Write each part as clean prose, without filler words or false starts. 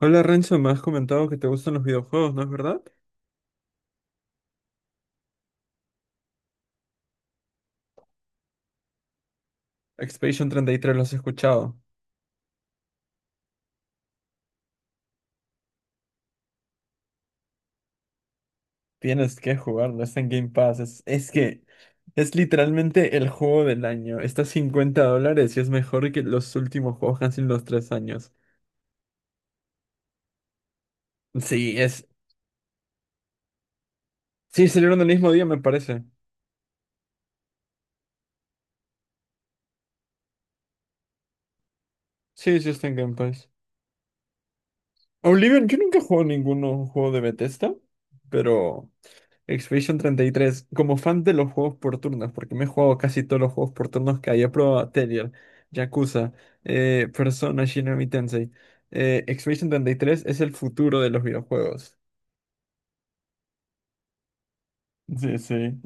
Hola Renzo, me has comentado que te gustan los videojuegos, ¿no es verdad? Expedition 33, los has escuchado. Tienes que jugarlo, está en Game Pass. Es que es literalmente el juego del año. Está a $50 y es mejor que los últimos juegos que han sido en los 3 años. Sí, es. Sí, salieron el mismo día, me parece. Sí, sí, está en Game Pass. Oblivion, yo nunca he jugado ningún juego de Bethesda, pero Expedition 33 como fan de los juegos por turnos, porque me he jugado casi todos los juegos por turnos que hay, he probado Telier, Yakuza, Persona, Shinigami Tensei. Expedition 33 es el futuro de los videojuegos. Sí, sí,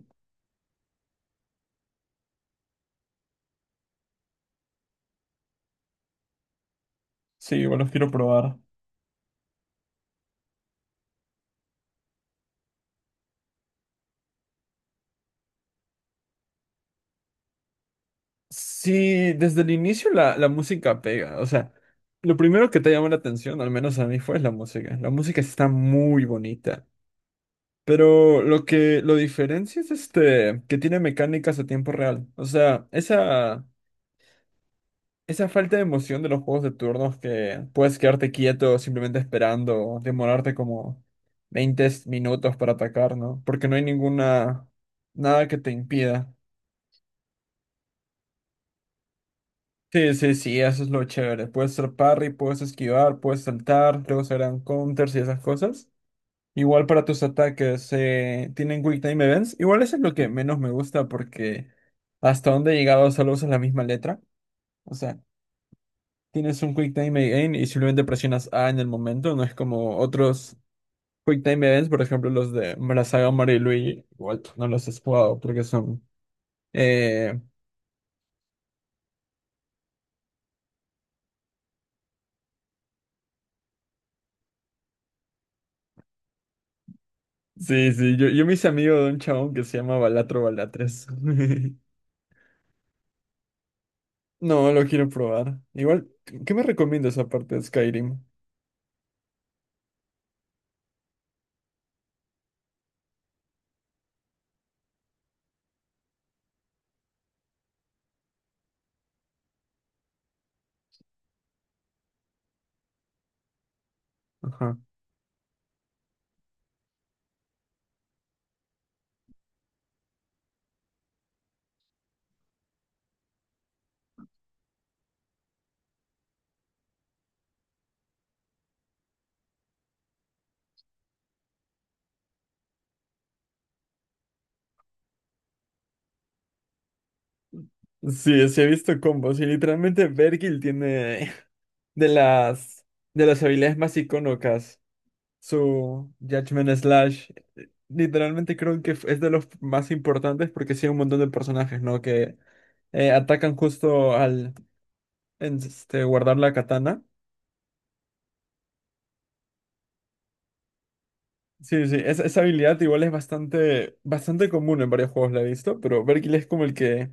sí, igual los quiero probar. Sí, desde el inicio la música pega, o sea, lo primero que te llama la atención, al menos a mí, fue la música. La música está muy bonita. Pero lo que lo diferencia es este que tiene mecánicas a tiempo real. O sea, esa falta de emoción de los juegos de turnos que puedes quedarte quieto simplemente esperando, o demorarte como 20 minutos para atacar, ¿no? Porque no hay ninguna, nada que te impida. Sí, sí, sí, eso es lo chévere. Puedes hacer parry, puedes esquivar, puedes saltar, luego se harán counters y esas cosas. Igual para tus ataques, tienen Quick Time Events. Igual eso es lo que menos me gusta porque hasta donde he llegado solo usas la misma letra. O sea, tienes un Quick Time Event y simplemente presionas A en el momento. No es como otros Quick Time Events, por ejemplo, los de la saga Mario y Luigi. Igual tú no los has jugado porque son. eh, Sí, sí, yo me hice amigo de un chabón que se llama Balatro Balatres. No, lo quiero probar. Igual, ¿qué me recomiendas aparte de Skyrim? Ajá. Sí, sí he visto combos y literalmente Vergil tiene de las de las habilidades más icónicas su Judgment Slash. Literalmente creo que es de los más importantes porque sí hay un montón de personajes, ¿no? Que atacan justo al guardar la katana. Sí, sí, esa habilidad igual es bastante, bastante común en varios juegos, la he visto, pero Vergil es como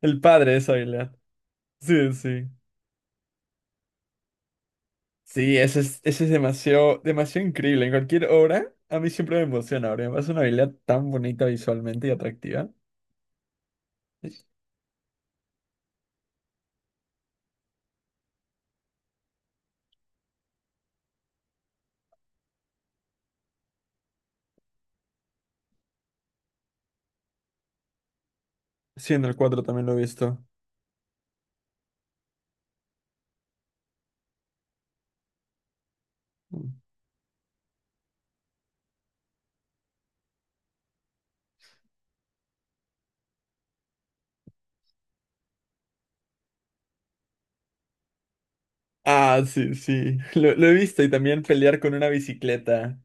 el padre de esa habilidad. Sí, sí. Sí, ese es demasiado, demasiado increíble. En cualquier obra, a mí siempre me emociona, porque me parece una habilidad tan bonita visualmente y atractiva. Sí, en el 4 también lo he visto. Ah, sí, sí. Lo he visto y también pelear con una bicicleta.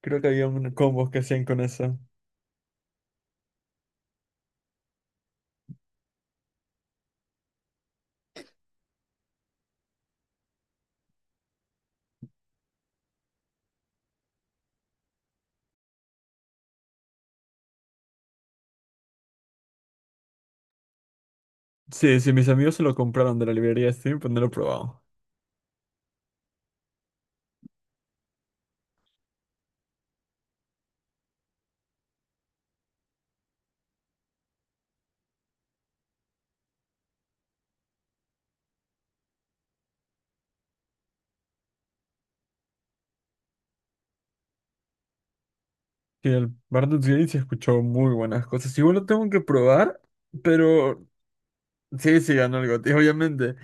Creo que había un combos que hacían con eso. Sí, sí, mis amigos se lo compraron de la librería Steam, pero no lo he probado. Sí, el Baldur's Gate se escuchó muy buenas cosas. Igual lo tengo que probar, pero sí, sí, ganó el GOTY, obviamente.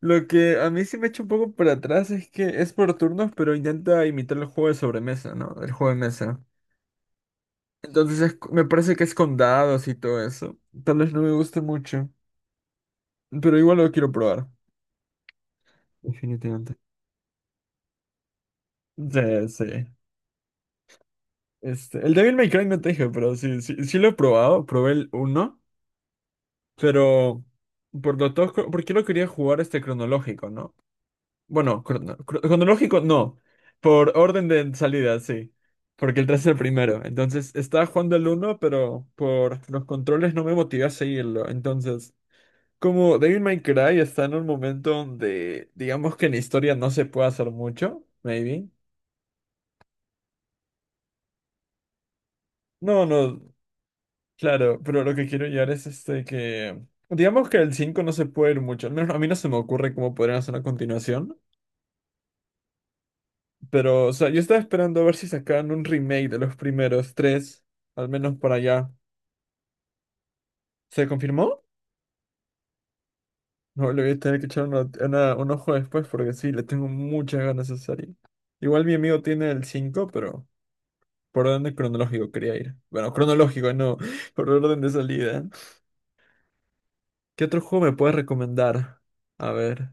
Lo que a mí sí me echa un poco para atrás es que es por turnos, pero intenta imitar el juego de sobremesa, ¿no? El juego de mesa. Entonces me parece que es con dados y todo eso. Tal vez no me guste mucho, pero igual lo quiero probar. Definitivamente. Sí, sí. Este, el Devil May Cry no te dije, pero sí, sí, sí lo he probado. Probé el uno. Pero por lo tosco, ¿por qué lo quería jugar este cronológico, no? Bueno, cronológico no. Por orden de salida, sí. Porque el 3 es el primero. Entonces estaba jugando el uno pero por los controles no me motivé a seguirlo. Entonces, como Devil May Cry está en un momento donde, digamos que en historia no se puede hacer mucho, maybe. No, no, claro, pero lo que quiero llegar es este que. Digamos que el 5 no se puede ir mucho. Al menos a mí no se me ocurre cómo podrían hacer una continuación. Pero, o sea, yo estaba esperando a ver si sacaban un remake de los primeros tres, al menos para allá. ¿Se confirmó? No, le voy a tener que echar un ojo después porque sí, le tengo muchas ganas a esa serie. Igual mi amigo tiene el 5 pero por orden cronológico quería ir. Bueno, cronológico, no, por orden de salida. ¿Qué otro juego me puedes recomendar? A ver.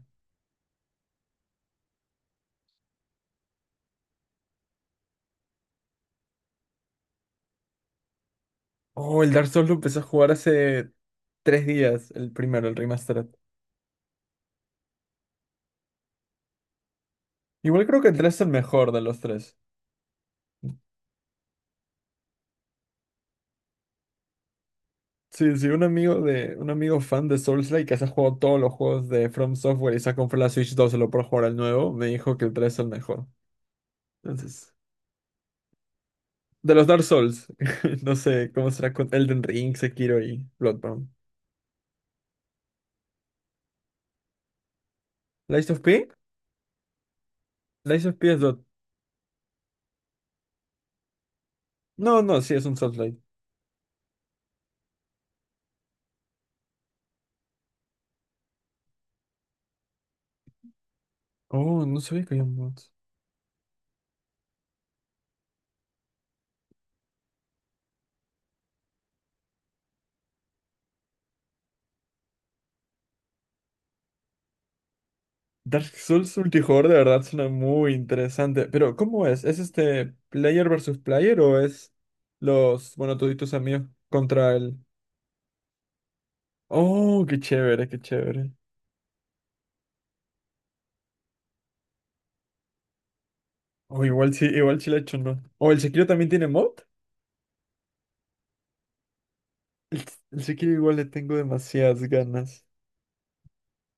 Oh, el Dark Souls lo empecé a jugar hace 3 días, el primero, el remastered. Igual creo que el 3 es el mejor de los tres. Sí, sí, un amigo fan de Soulslike que se ha jugado todos los juegos de From Software y se ha comprado la Switch 2 solo por jugar al nuevo, me dijo que el tres es el mejor. Entonces, de los Dark Souls, no sé cómo será con Elden Ring, Sekiro y Bloodborne. ¿Lies of P? ¿Lies of P es lo- No, no, sí, es un Soulslike. Oh, no sabía que había mods. Dark Souls multijugador de verdad suena muy interesante, pero ¿cómo es? ¿Es este player versus player o es los, bueno, tú y tus amigos contra el. Oh, qué chévere, qué chévere. O igual sí la he hecho, ¿no? O el Sekiro también tiene mod. El, el Sekiro igual le tengo demasiadas ganas.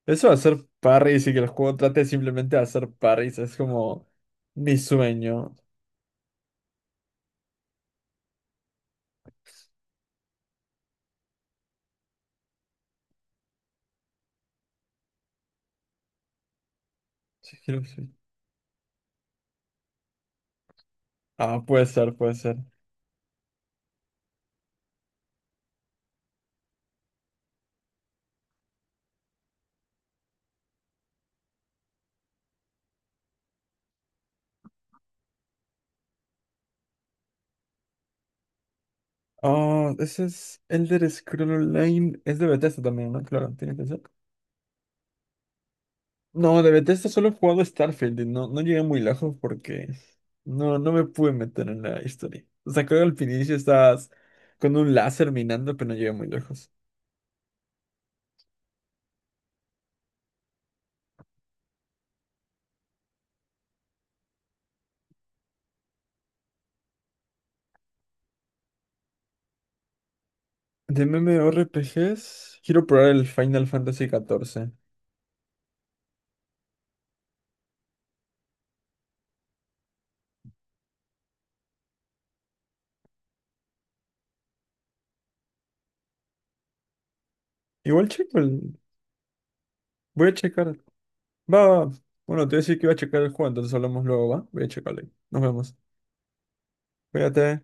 Eso de hacer parries y que el juego trate simplemente de hacer parries es como mi sueño. Sekiro sí. Ah, puede ser, puede ser. Oh, ese es Elder Scroll Online. Es de Bethesda también, ¿no? Claro, tiene que ser. No, de Bethesda solo he jugado Starfield y no, no llegué muy lejos porque no, no me pude meter en la historia. O sea, creo que al inicio estabas con un láser minando, pero no llegué muy lejos. De MMORPGs, quiero probar el Final Fantasy 14. Igual checo el... Voy a checar. Va, va. Bueno, te voy a decir que iba a checar el juego, entonces hablamos luego, ¿va? Voy a checarlo. Nos vemos. Cuídate.